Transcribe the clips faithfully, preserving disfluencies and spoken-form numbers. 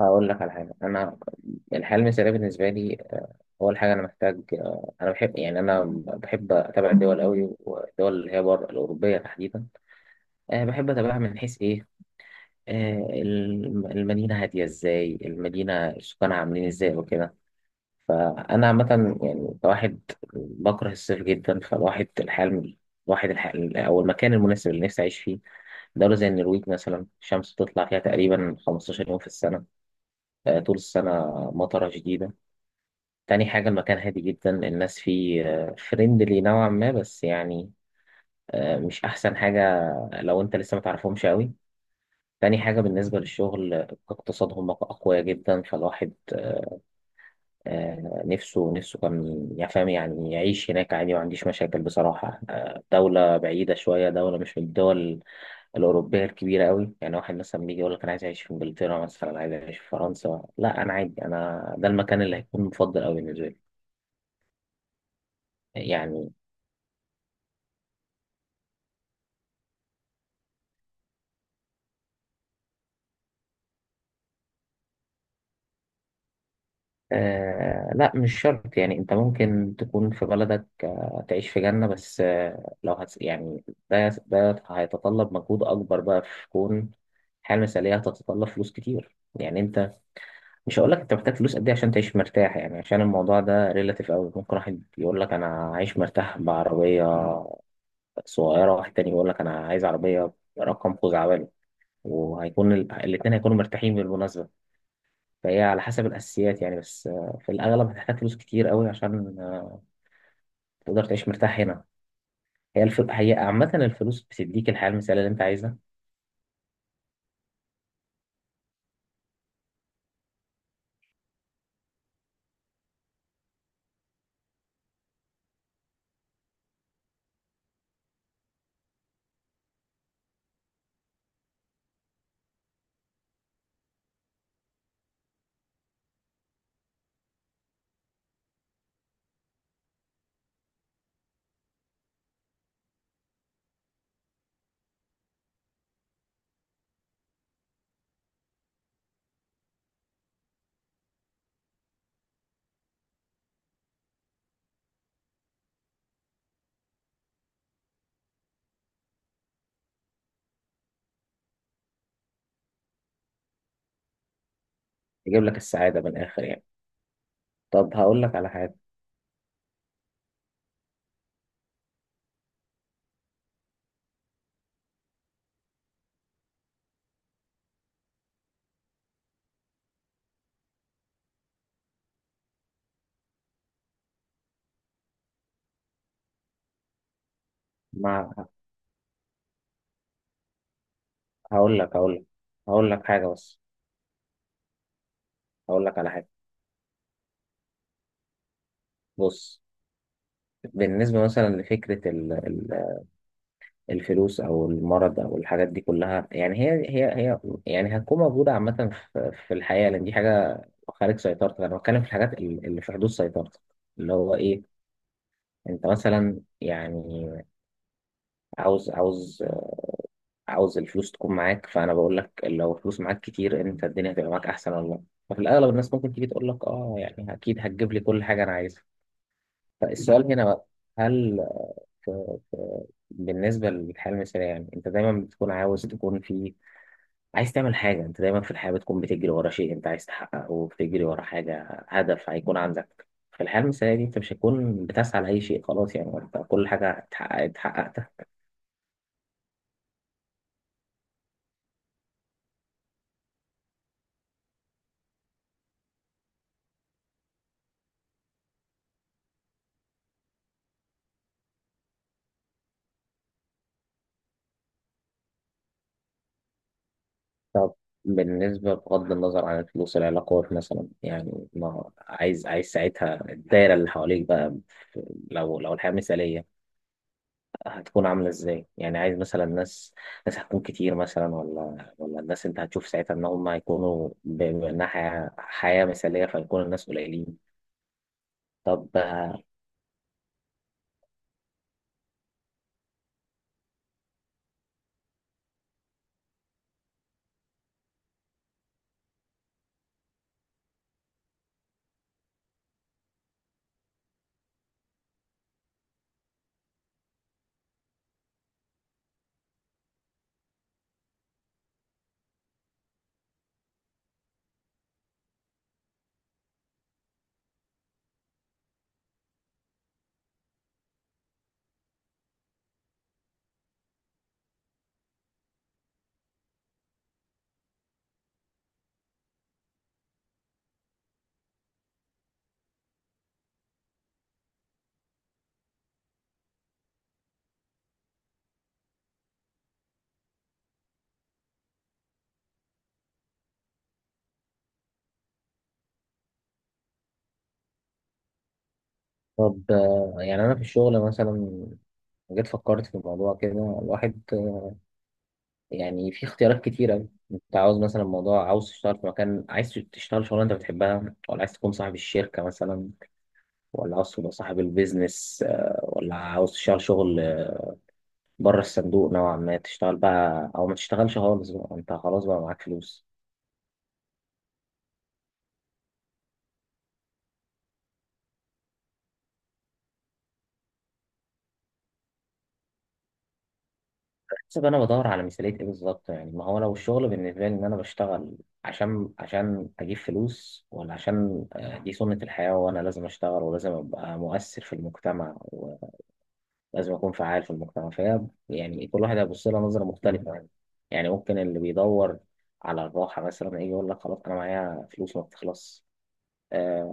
هقول لك على حاجة. أنا الحياة المثالية بالنسبة لي، آه، أول حاجة أنا محتاج. آه، أنا بحب، يعني أنا بحب أتابع الدول أوي، والدول اللي هي بره الأوروبية تحديدا. أه بحب أتابعها من حيث إيه. أه الم- المدينة هادية إزاي، المدينة سكانها عاملين إزاي وكده. فأنا عامة، يعني كواحد بكره الصيف جدا، فالواحد الحياة الم- الواحد الحياة أو المكان المناسب اللي نفسي أعيش فيه دولة زي النرويج مثلا. الشمس بتطلع فيها تقريبا 15 يوم في السنة، آه، طول السنة مطرة شديدة. تاني حاجة، المكان هادي جدا، الناس فيه فريندلي نوعا ما، بس يعني، آه، مش أحسن حاجة لو أنت لسه متعرفهمش أوي. تاني حاجة بالنسبة للشغل، آه، اقتصادهم أقوياء جدا، فالواحد آه، نفسه نفسه كان يفهم، يعني يعيش هناك عادي، ما عنديش مشاكل بصراحة. آه، دولة بعيدة شوية، دولة مش من الدول الأوروبية الكبيرة أوي. يعني واحد مثلا بيجي يقول لك أنا عايز أعيش في إنجلترا مثلا، عايز أعيش في فرنسا. لا أنا عادي، أنا ده المكان اللي هيكون مفضل أوي بالنسبة لي يعني. آه لا، مش شرط، يعني انت ممكن تكون في بلدك آه تعيش في جنة، بس آه لو هت يعني، ده ده هيتطلب مجهود اكبر بقى، في كون الحياة المثالية هتتطلب فلوس كتير. يعني انت، مش هقول لك انت محتاج فلوس قد ايه عشان تعيش مرتاح، يعني عشان الموضوع ده ريلاتيف قوي. ممكن واحد يقول لك انا عايش مرتاح بعربية صغيرة، واحد تاني يقول لك انا عايز عربية رقم خزعبلي، وهيكون ال- الاتنين هيكونوا مرتاحين بالمناسبة. فهي على حسب الأساسيات يعني، بس آه، في الأغلب هتحتاج فلوس كتير قوي عشان آه، تقدر تعيش مرتاح هنا. هي الف... هي عامة الفلوس بتديك الحياة المثالية اللي أنت عايزها. تجيب لك السعادة من الآخر يعني. طب هقول لك على حاجة. مع. هقول لك هقول لك هقول لك حاجة، بس هقول لك على حاجة. بص، بالنسبة مثلا لفكرة ال... ال- الفلوس أو المرض أو الحاجات دي كلها. يعني هي هي هي يعني هتكون موجودة عامة في... في الحياة، لأن دي حاجة خارج سيطرتك. أنا بتكلم في الحاجات اللي اللي في حدود سيطرتك، اللي هو إيه، انت مثلا يعني عاوز عاوز عاوز الفلوس تكون معاك. فانا بقول لك لو الفلوس معاك كتير، انت الدنيا هتبقى معاك احسن والله. ففي الاغلب الناس ممكن تيجي تقول لك اه، يعني اكيد هتجيب لي كل حاجه انا عايزها. فالسؤال هنا بقى، هل بالنسبه للحياه المثاليه، يعني انت دايما بتكون عاوز تكون في، عايز تعمل حاجه. انت دايما في الحياه بتكون بتجري ورا شيء انت عايز تحققه، وبتجري ورا حاجه، هدف هيكون عندك. في الحياه المثاليه دي انت مش هتكون بتسعى لاي شيء، خلاص يعني انت كل حاجه اتحققت اتحققت. طب، بالنسبة بغض النظر عن الفلوس، العلاقات مثلا، يعني ما عايز عايز ساعتها الدايرة اللي حواليك بقى لو لو الحياة مثالية هتكون عاملة ازاي؟ يعني عايز مثلا ناس ناس هتكون كتير مثلا، ولا ولا الناس انت هتشوف ساعتها ان هم هيكونوا ب- بأنها حياة حياة مثالية، فيكون الناس قليلين. طب. طب يعني انا في الشغل مثلا، جيت فكرت في الموضوع كده. الواحد يعني في اختيارات كتيرة، انت عاوز مثلا موضوع، عاوز تشتغل في مكان، عايز تشتغل شغلانة انت بتحبها، ولا عايز تكون صاحب الشركة مثلا، ولا عاوز تبقى صاحب البيزنس، آه، ولا عاوز تشتغل شغل آه، بره الصندوق نوعا ما، تشتغل بقى او ما تشتغلش خالص بقى انت خلاص بقى معاك فلوس. حسب، انا بدور على مثالية ايه بالظبط. يعني ما هو لو الشغل بالنسبة لي ان انا بشتغل عشان عشان اجيب فلوس، ولا عشان آه، دي سنة الحياة وانا لازم اشتغل ولازم ابقى مؤثر في المجتمع، لازم أكون فعال في المجتمع. فهي يعني كل واحد هيبص لها نظرة مختلفة يعني. يعني ممكن اللي بيدور على الراحة مثلا يجي يقول لك خلاص أنا معايا فلوس ما بتخلص، آه،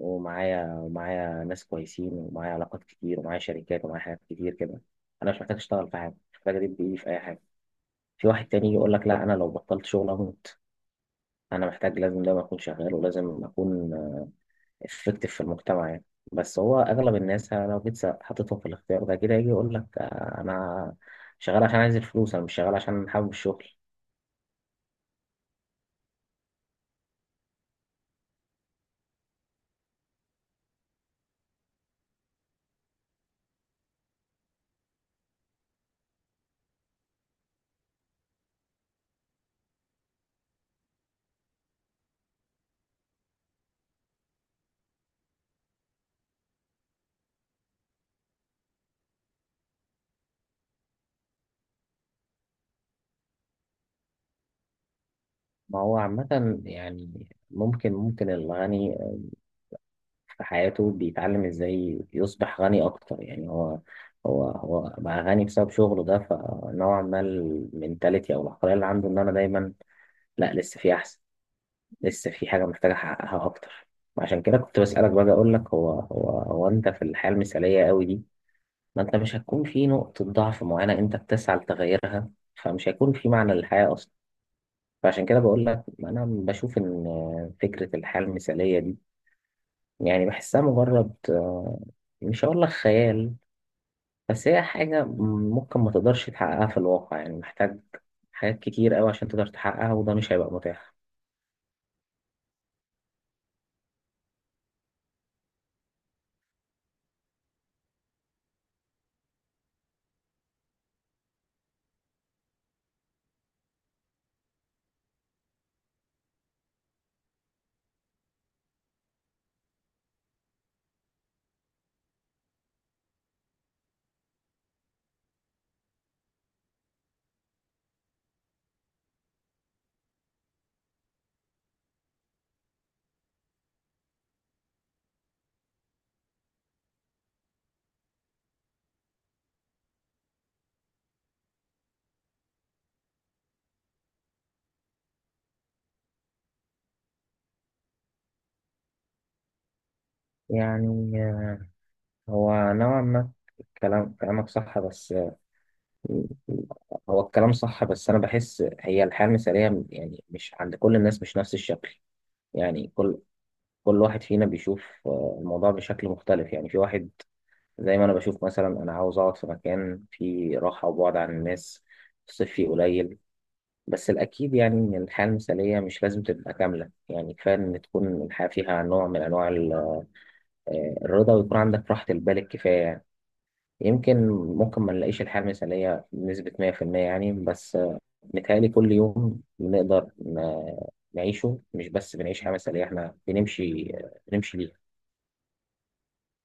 ومعايا ومعايا ناس كويسين، ومعايا علاقات كتير، ومعايا شركات، ومعايا حاجات كتير كده. أنا مش محتاج أشتغل في حاجة، مش محتاج أدب إيدي في أي حاجة. في واحد تاني يقول لك لا أنا لو بطلت شغل أموت، أنا محتاج لازم دايما أكون شغال، ولازم أكون افكتيف في المجتمع يعني. بس هو اغلب الناس يعني، أنا لو جيت س- حطيتهم في الاختيار ده كده، يجي يقول لك آه، انا شغال عشان عايز الفلوس، انا مش شغال عشان حابب الشغل. ما هو عامة يعني ممكن ممكن الغني في حياته بيتعلم ازاي يصبح غني اكتر. يعني هو هو هو بقى غني بسبب شغله ده، فنوعا ما المنتاليتي او العقلية اللي عنده ان انا دايما لا، لسه في احسن، لسه في حاجة محتاج احققها اكتر. عشان كده كنت بسألك بقى، اقول لك هو هو هو انت في الحياة المثالية قوي دي، ما انت مش هتكون في نقطة ضعف معينة انت بتسعى لتغيرها، فمش هيكون في معنى للحياة اصلا. فعشان كده بقول لك انا بشوف ان فكرة الحياة المثالية دي، يعني بحسها مجرد آه، مش هقول لك خيال، بس هي حاجة ممكن ما تقدرش تحققها في الواقع. يعني محتاج حاجات كتير قوي عشان تقدر تحققها، وده مش هيبقى متاح. يعني آه، هو نوعا ما كلام كلامك صح، بس هو الكلام صح. بس أنا بحس هي الحياة المثالية يعني مش عند كل الناس مش نفس الشكل. يعني كل كل واحد فينا بيشوف آه، الموضوع بشكل مختلف. يعني في واحد زي ما أنا بشوف مثلا، أنا عاوز أقعد في مكان فيه راحة، وبعد عن الناس، الصيف فيه قليل. بس الأكيد يعني إن الحياة المثالية مش لازم تبقى كاملة، يعني كفاية إن تكون الحياة فيها نوع من أنواع ال- آه، الرضا، ويكون عندك راحة البال الكفاية يعني. يمكن ممكن ما نلاقيش الحياة المثالية بنسبة مئة في المية يعني، بس متهيألي كل يوم بنقدر ن- نعيشه. مش بس بنعيش حياة مثالية، احنا بنمشي بنمشي